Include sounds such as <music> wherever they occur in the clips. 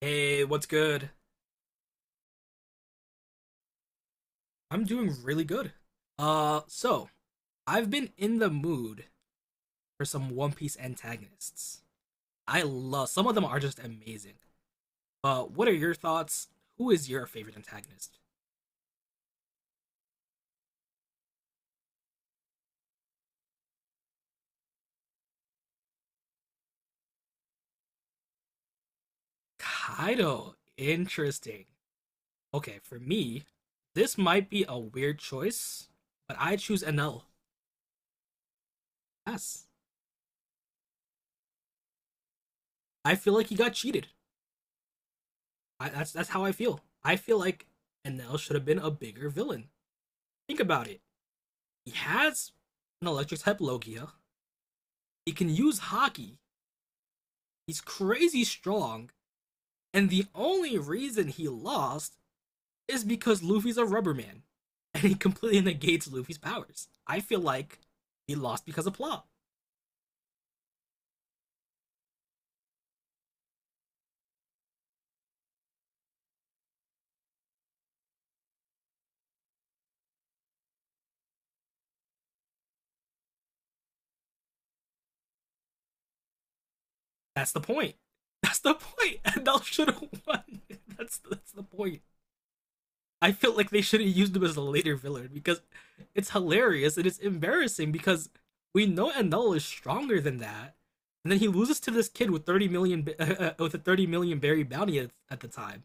Hey, what's good? I'm doing really good. So I've been in the mood for some One Piece antagonists. I love some of them are just amazing. What are your thoughts? Who is your favorite antagonist? Kaido. Interesting. Okay, for me, this might be a weird choice, but I choose NL. Yes, I feel like he got cheated. That's how I feel. I feel like NL should have been a bigger villain. Think about it. He has an electric type Logia. He can use hockey. He's crazy strong. And the only reason he lost is because Luffy's a rubber man. And he completely <laughs> negates Luffy's powers. I feel like he lost because of plot. That's the point. <laughs> That's the point. <laughs> And L should have won. <laughs> That's the point. I feel like they should have used him as a later villain because it's hilarious and it's embarrassing because we know Enel is stronger than that, and then he loses to this kid with 30 million <laughs> with a 30 million berry bounty at the time.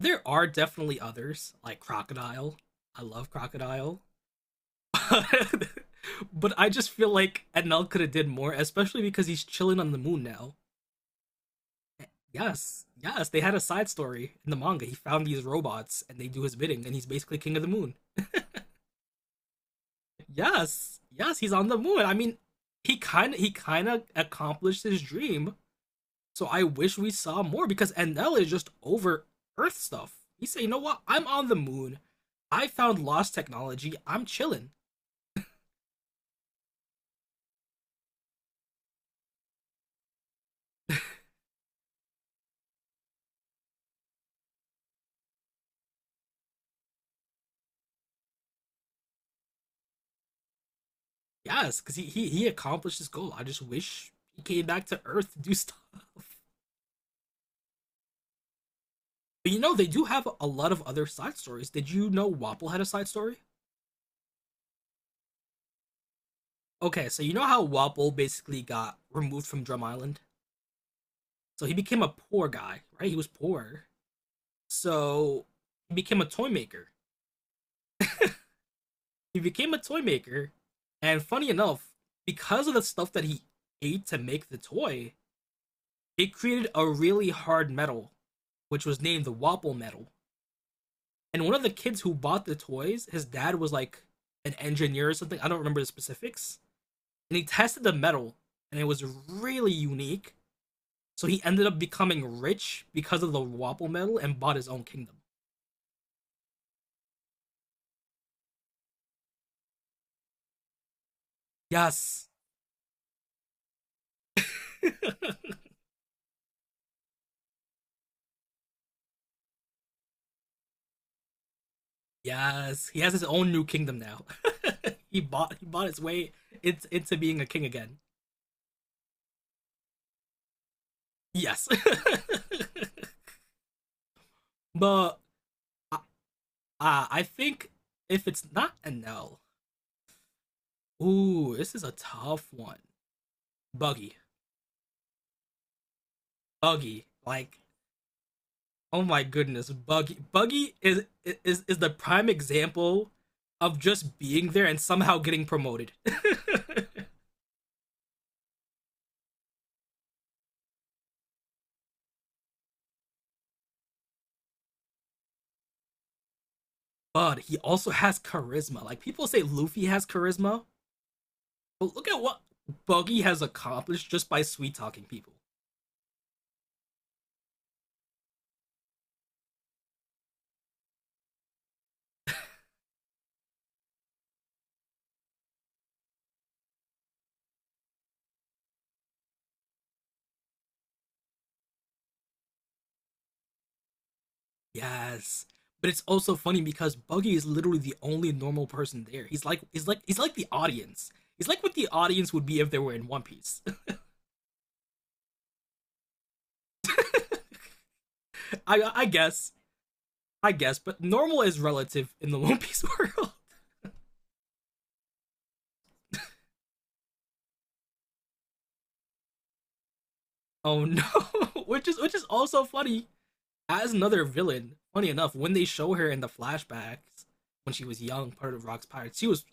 There are definitely others like Crocodile. I love Crocodile, <laughs> but I just feel like Enel could have did more, especially because he's chilling on the moon now. Yes, yes, they had a side story in the manga. He found these robots and they do his bidding, and he's basically king of the moon. Yes, yes, he's on the moon. I mean, he kind of accomplished his dream. So I wish we saw more because NL is just over Earth stuff. He said, "You know what? I'm on the moon. I found lost technology. I'm chilling." Yes, because he he accomplished his goal. I just wish he came back to Earth to do <laughs> stuff. But you know, they do have a lot of other side stories. Did you know Wapple had a side story? Okay, so you know how Wapple basically got removed from Drum Island? So he became a poor guy, right? He was poor. So he became a toy maker. He became a toy maker, and funny enough, because of the stuff that he ate to make the toy, it created a really hard metal, which was named the Wapple metal. And one of the kids who bought the toys, his dad was like an engineer or something. I don't remember the specifics. And he tested the metal, and it was really unique. So he ended up becoming rich because of the Wapple metal and bought his own kingdom. Yes. <laughs> Yes, he has his own new kingdom now. <laughs> He bought his way into being a king again. Yes, <laughs> but uh, I think if it's not an L, ooh, this is a tough one. Buggy, Buggy, like oh my goodness, Buggy, Buggy is the prime example of just being there and somehow getting promoted. <laughs> but he also has charisma. Like people say, Luffy has charisma. But look at what Buggy has accomplished just by sweet talking people. Yes. But it's also funny because Buggy is literally the only normal person there. He's like he's like the audience. He's like what the audience would be if they were in One Piece. <laughs> I guess. I guess, but normal is relative in the <laughs> One Piece world. <laughs> Oh no. <laughs> Which is also funny. As another villain, funny enough, when they show her in the flashbacks when she was young, part of Rock's Pirates,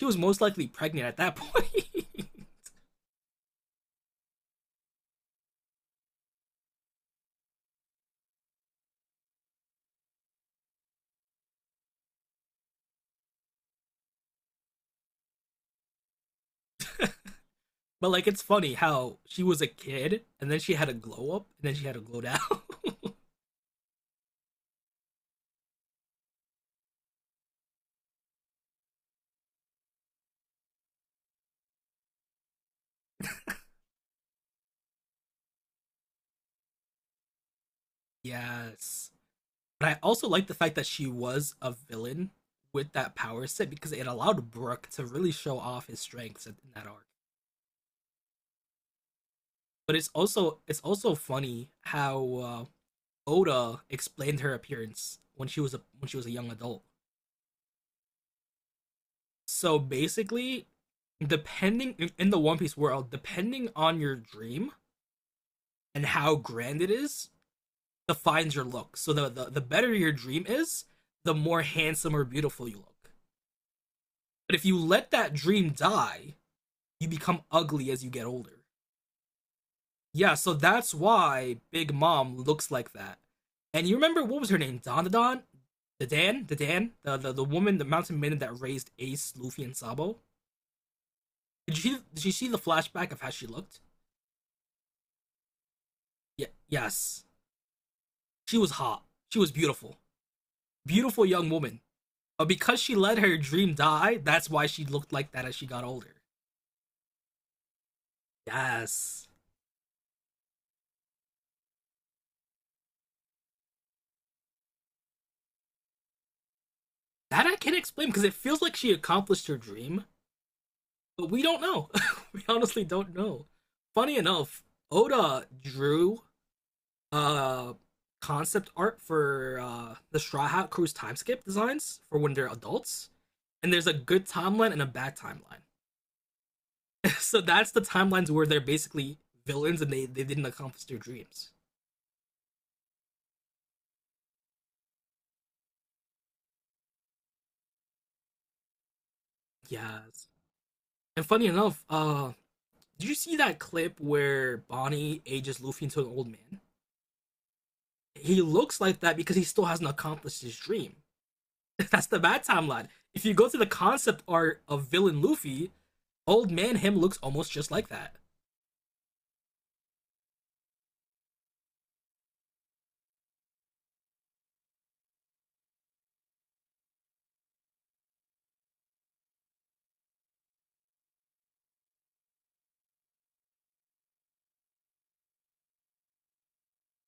she was most likely pregnant at that point. <laughs> But like it's funny how she was a kid and then she had a glow up and then she had a glow down. <laughs> yes. But I also like the fact that she was a villain with that power set because it allowed Brook to really show off his strengths in that arc. But it's also funny how Oda explained her appearance when she was a young adult. So basically, depending in the One Piece world, depending on your dream and how grand it is, defines your look. So the better your dream is, the more handsome or beautiful you look. But if you let that dream die, you become ugly as you get older. Yeah, so that's why Big Mom looks like that. And you remember what was her name? Don? The Dan? The woman, the mountain maiden that raised Ace, Luffy, and Sabo? Did you see the flashback of how she looked? Yeah, yes. She was hot. She was beautiful. Beautiful young woman. But because she let her dream die, that's why she looked like that as she got older. Yes. That I can't explain because it feels like she accomplished her dream, but we don't know. <laughs> we honestly don't know. Funny enough, Oda drew uh concept art for the Straw Hat Crew's timeskip designs for when they're adults. And there's a good timeline and a bad timeline. <laughs> so that's the timelines where they're basically villains and they didn't accomplish their dreams. Yes. And funny enough, did you see that clip where Bonnie ages Luffy into an old man? He looks like that because he still hasn't accomplished his dream. <laughs> That's the bad timeline. If you go to the concept art of villain Luffy, old man him looks almost just like that.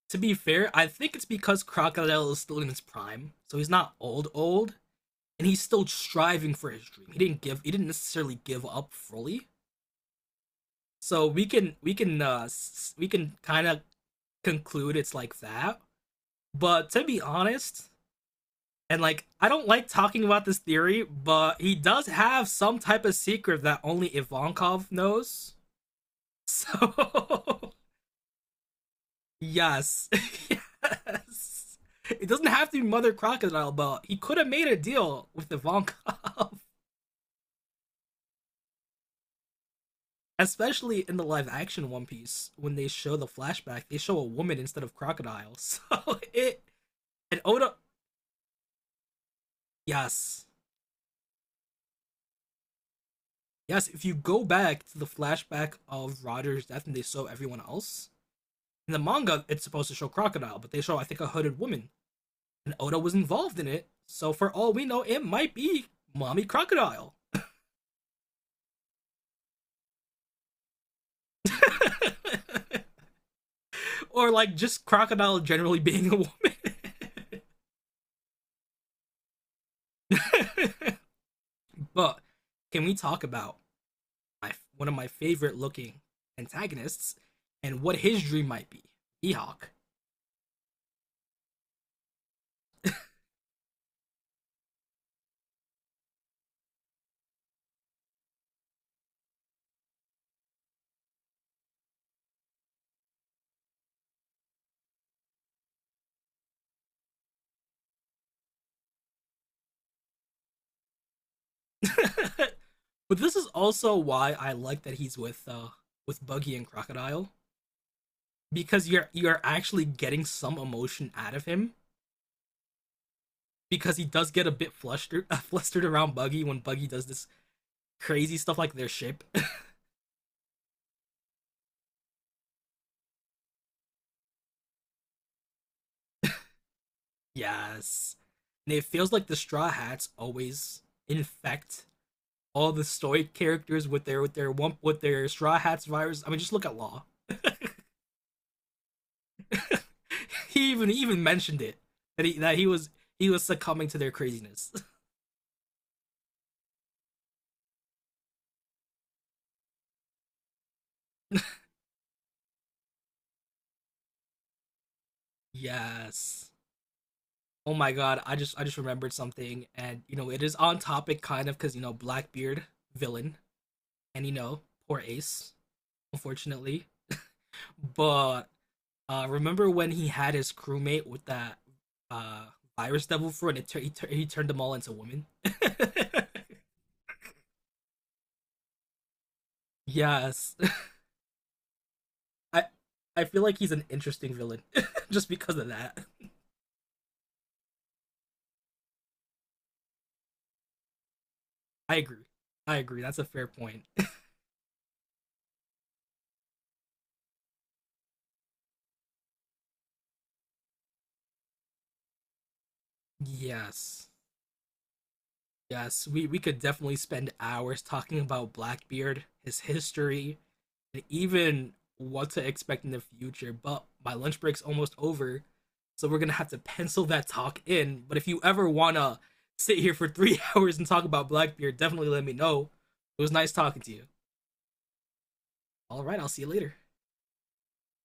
To be fair, I think it's because Crocodile is still in his prime, so he's not old old, and he's still striving for his dream. He didn't necessarily give up fully. So we can we can kind of conclude it's like that. But to be honest, and like, I don't like talking about this theory, but he does have some type of secret that only Ivankov knows. So, <laughs> yes, <laughs> yes. It doesn't have to be Mother Crocodile, but he could have made a deal with Ivankov. <laughs> Especially in the live action One Piece, when they show the flashback, they show a woman instead of crocodile. <laughs> So it and Oda, yes, yes. If you go back to the flashback of Roger's death and they show everyone else, in the manga, it's supposed to show crocodile, but they show I think a hooded woman, and Oda was involved in it. So for all we know, it might be mommy crocodile, <laughs> or like just crocodile generally <laughs> being a woman. <laughs> but can we talk about one of my favorite looking antagonists and what his dream might be? Mihawk. <laughs> but this is also why I like that he's with Buggy and Crocodile because you're actually getting some emotion out of him because he does get a bit flustered, <laughs> flustered around Buggy when Buggy does this crazy stuff like their ship. <laughs> yes, and it feels like the Straw Hats always infect all the stoic characters with their wump with their Straw Hats virus. I mean, just look at Law. <laughs> He even mentioned it that he was succumbing to their craziness. <laughs> yes. Oh my god, I just remembered something and you know it is on topic kind of cuz you know Blackbeard villain and you know poor Ace unfortunately. But remember when he had his crewmate with that uh, virus devil fruit and it he turned them all into women? <laughs> yes. I, I feel like he's an interesting villain <laughs> just because of that. I agree. I agree. That's a fair point. <laughs> yes. Yes, we could definitely spend hours talking about Blackbeard, his history, and even what to expect in the future. But my lunch break's almost over, so we're gonna have to pencil that talk in. But if you ever wanna sit here for <laughs> 3 hours and talk about Blackbeard, definitely let me know. It was nice talking to you. All right, I'll see you later.